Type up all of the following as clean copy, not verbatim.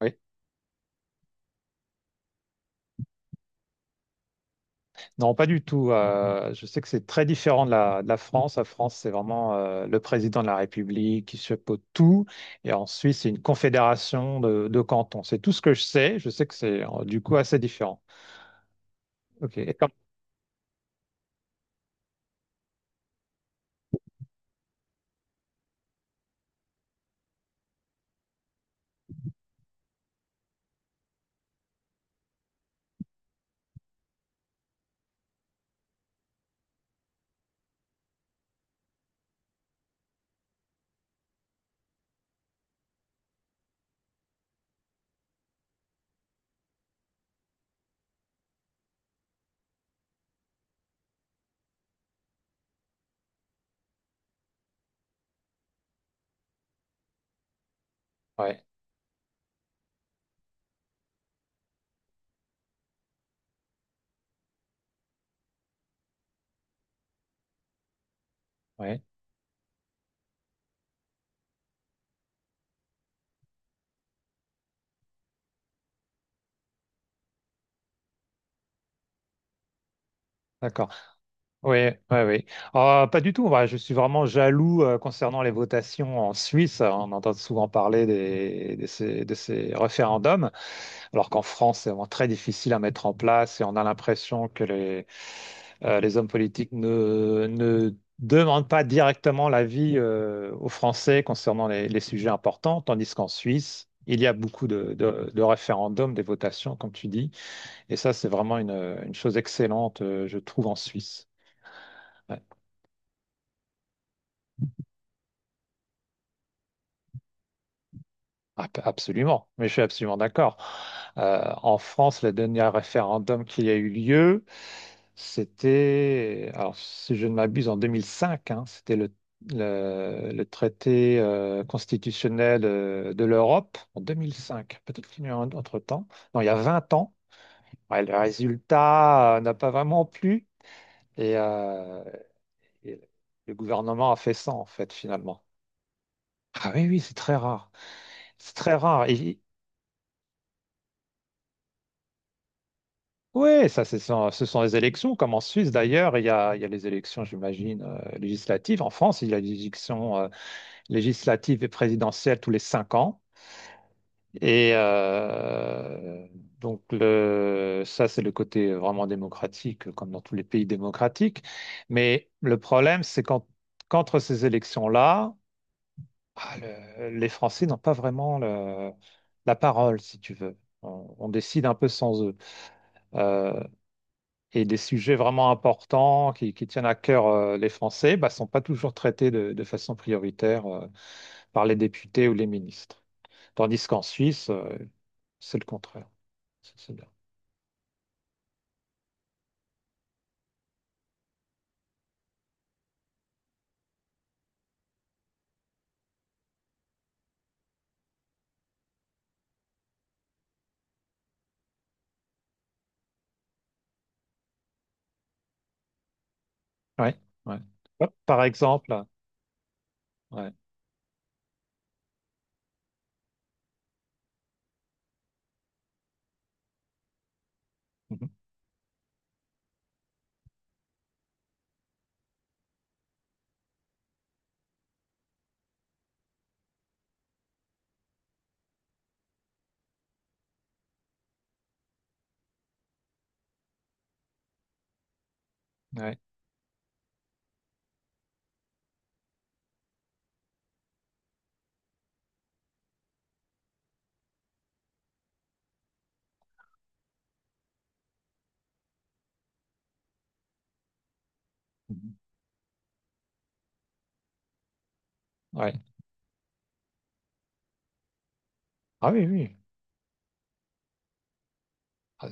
Oui. Non, pas du tout. Je sais que c'est très différent de la France. La France, c'est vraiment le président de la République qui chapeaute tout. Et en Suisse, c'est une confédération de cantons. C'est tout ce que je sais. Je sais que c'est du coup assez différent. Ok. Ouais, ouais. D'accord. Oui, oui, oui. Pas du tout. Moi, je suis vraiment jaloux concernant les votations en Suisse. On entend souvent parler de ces référendums. Alors qu'en France, c'est vraiment très difficile à mettre en place et on a l'impression que les hommes politiques ne demandent pas directement l'avis aux Français concernant les sujets importants, tandis qu'en Suisse, il y a beaucoup de référendums, des votations, comme tu dis, et ça, c'est vraiment une chose excellente, je trouve, en Suisse. Ouais. Absolument, mais je suis absolument d'accord. En France, le dernier référendum qui a eu lieu, c'était, alors si je ne m'abuse, en 2005, hein, c'était le traité constitutionnel de l'Europe en 2005. Peut-être qu'il y a eu un autre temps. Non, il y a 20 ans. Ouais, le résultat n'a pas vraiment plu et, euh, et le gouvernement a fait ça, en fait, finalement. Ah oui, oui, c'est très rare. C'est très rare. Oui, ça, ce sont les élections, comme en Suisse d'ailleurs, il y a les élections, j'imagine, législatives. En France, il y a les élections législatives et présidentielles tous les 5 ans. Et donc, ça, c'est le côté vraiment démocratique, comme dans tous les pays démocratiques. Mais le problème, c'est qu'entre ces élections-là, ah, les Français n'ont pas vraiment la parole, si tu veux. On décide un peu sans eux. Euh, et des sujets vraiment importants qui tiennent à cœur les Français ne sont pas toujours traités de façon prioritaire par les députés ou les ministres. Tandis qu'en Suisse, c'est le contraire. Ça, c'est bien. Ouais, ouais. Hop, par exemple, ouais. Mhm. Ouais. Mhm. Ouais. Ah oui, oui.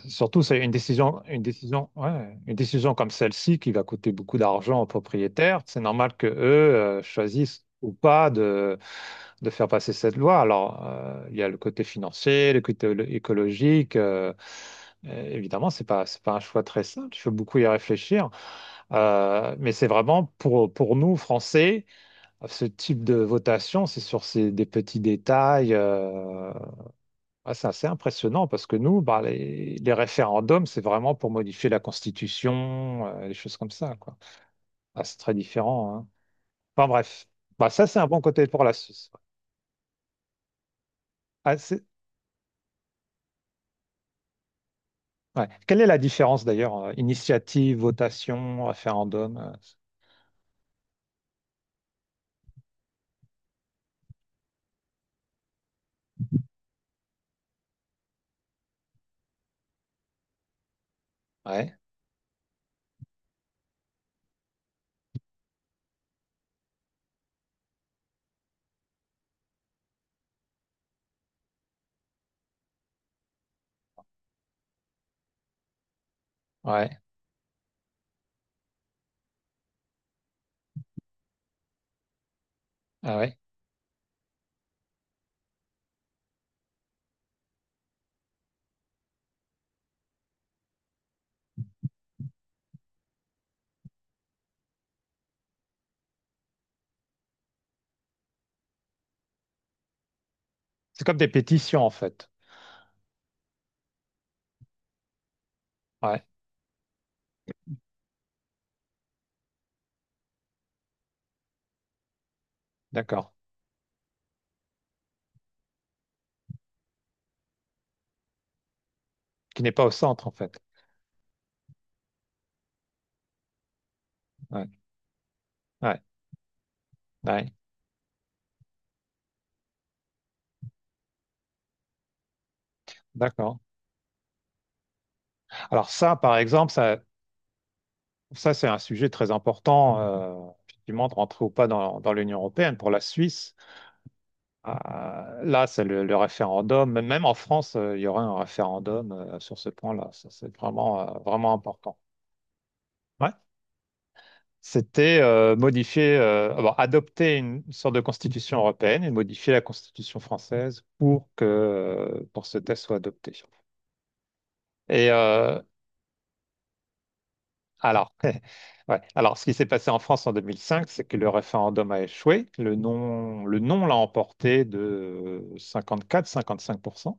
Surtout, c'est une décision, ouais, une décision comme celle-ci qui va coûter beaucoup d'argent aux propriétaires. C'est normal que eux choisissent ou pas de faire passer cette loi. Alors, il y a le côté financier, le côté écologique. Évidemment, c'est pas un choix très simple. Il faut beaucoup y réfléchir. Mais c'est vraiment pour nous, Français, ce type de votation, c'est sur des petits détails. Ah, c'est assez impressionnant parce que nous, bah, les référendums, c'est vraiment pour modifier la Constitution, les choses comme ça, quoi. Ah, c'est très différent, hein. Enfin bref, bah, ça, c'est un bon côté pour la Suisse. Ouais. Ah, ouais. Quelle est la différence d'ailleurs, initiative, votation, référendum? Ouais, ouais, ah ouais. C'est comme des pétitions en fait. Ouais, d'accord. Qui n'est pas au centre en fait. Ouais, ouais, ouais, d'accord. Alors ça, par exemple, ça. Ça, c'est un sujet très important, effectivement, de rentrer ou pas dans l'Union européenne. Pour la Suisse, euh, là, c'est le référendum. Même en France, il y aura un référendum sur ce point-là. Ça, c'est vraiment, vraiment important. Ouais. C'était modifier, avoir adopter une sorte de constitution européenne et modifier la constitution française pour pour ce texte soit adopté. Et euh, Alors, ouais. Alors, ce qui s'est passé en France en 2005, c'est que le référendum a échoué. Le non l'a emporté de 54-55%.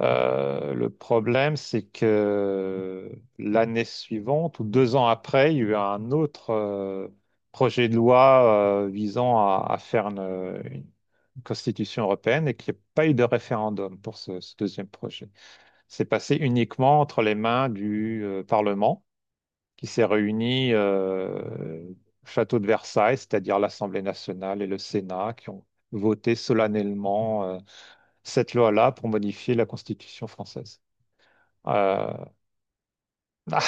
Le problème, c'est que l'année suivante, ou 2 ans après, il y a eu un autre projet de loi visant à faire une constitution européenne et qu'il n'y a pas eu de référendum pour ce deuxième projet. C'est passé uniquement entre les mains du Parlement qui s'est réunie au château de Versailles, c'est-à-dire l'Assemblée nationale et le Sénat, qui ont voté solennellement cette loi-là pour modifier la Constitution française. Euh, ah,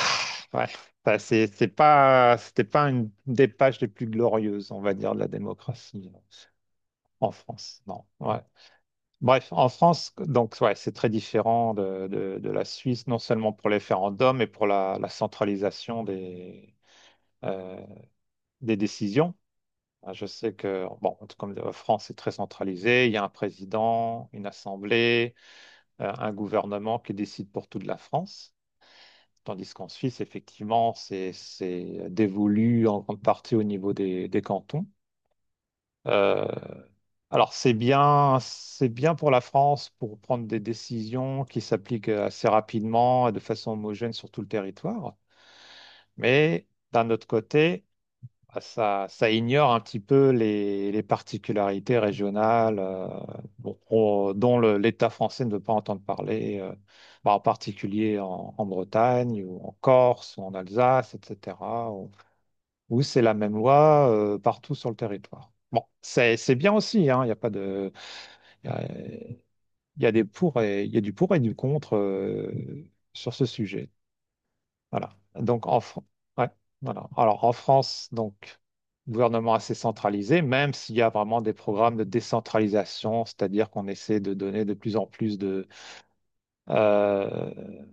ouais. Enfin, c'était pas une des pages les plus glorieuses, on va dire, de la démocratie en France. Non. Ouais. Bref, en France, donc ouais, c'est très différent de la Suisse, non seulement pour les référendums, mais pour la centralisation euh, des décisions. Ah, je sais que, bon, comme la France est très centralisée, il y a un président, une assemblée, un gouvernement qui décide pour toute la France. Tandis qu'en Suisse, effectivement, c'est dévolu en grande partie au niveau des cantons. Euh, alors, c'est bien pour la France pour prendre des décisions qui s'appliquent assez rapidement et de façon homogène sur tout le territoire. Mais d'un autre côté, ah, ça ça ignore un petit peu les particularités régionales bon, dont l'État français ne veut pas entendre parler, bah, en particulier en Bretagne ou en Corse ou en Alsace, etc., où, où c'est la même loi partout sur le territoire. Bon, c'est bien aussi, hein, il y a pas de, il y a, il y a il y a du pour et du contre sur ce sujet. Voilà. Donc ouais, voilà. Alors en France, donc gouvernement assez centralisé, même s'il y a vraiment des programmes de décentralisation, c'est-à-dire qu'on essaie de donner de plus en plus euh,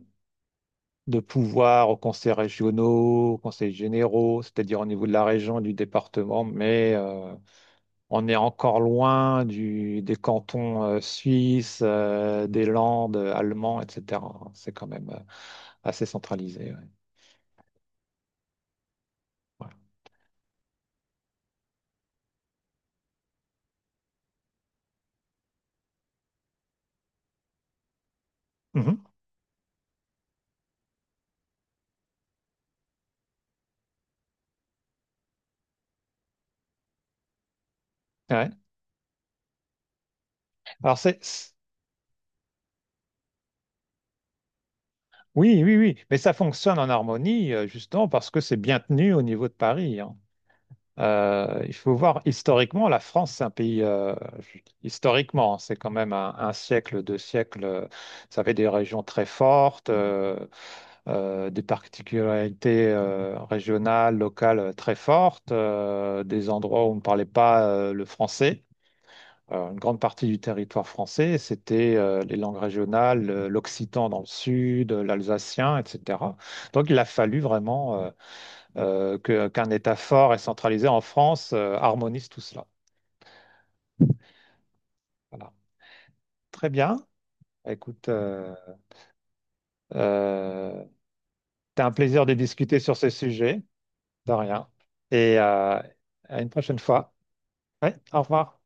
de pouvoir aux conseils régionaux, aux conseils généraux, c'est-à-dire au niveau de la région, du département, mais on est encore loin des cantons suisses, des Landes, allemands, etc. C'est quand même assez centralisé. Ouais. Voilà. Mhm. Ouais. Alors c'est Oui, oui, oui. Mais ça fonctionne en harmonie, justement, parce que c'est bien tenu au niveau de Paris, hein. Il faut voir, historiquement, la France, c'est un pays, historiquement, hein, c'est quand même un siècle, deux siècles, ça avait des régions très fortes, des particularités régionales, locales très fortes, des endroits où on ne parlait pas le français une grande partie du territoire français. C'était les langues régionales, l'occitan dans le sud, l'alsacien, etc. Donc il a fallu vraiment qu'un État fort et centralisé en France harmonise tout cela. Voilà. Très bien. Écoute, euh, c'était un plaisir de discuter sur ce sujet. De rien. Et à une prochaine fois. Ouais, au revoir.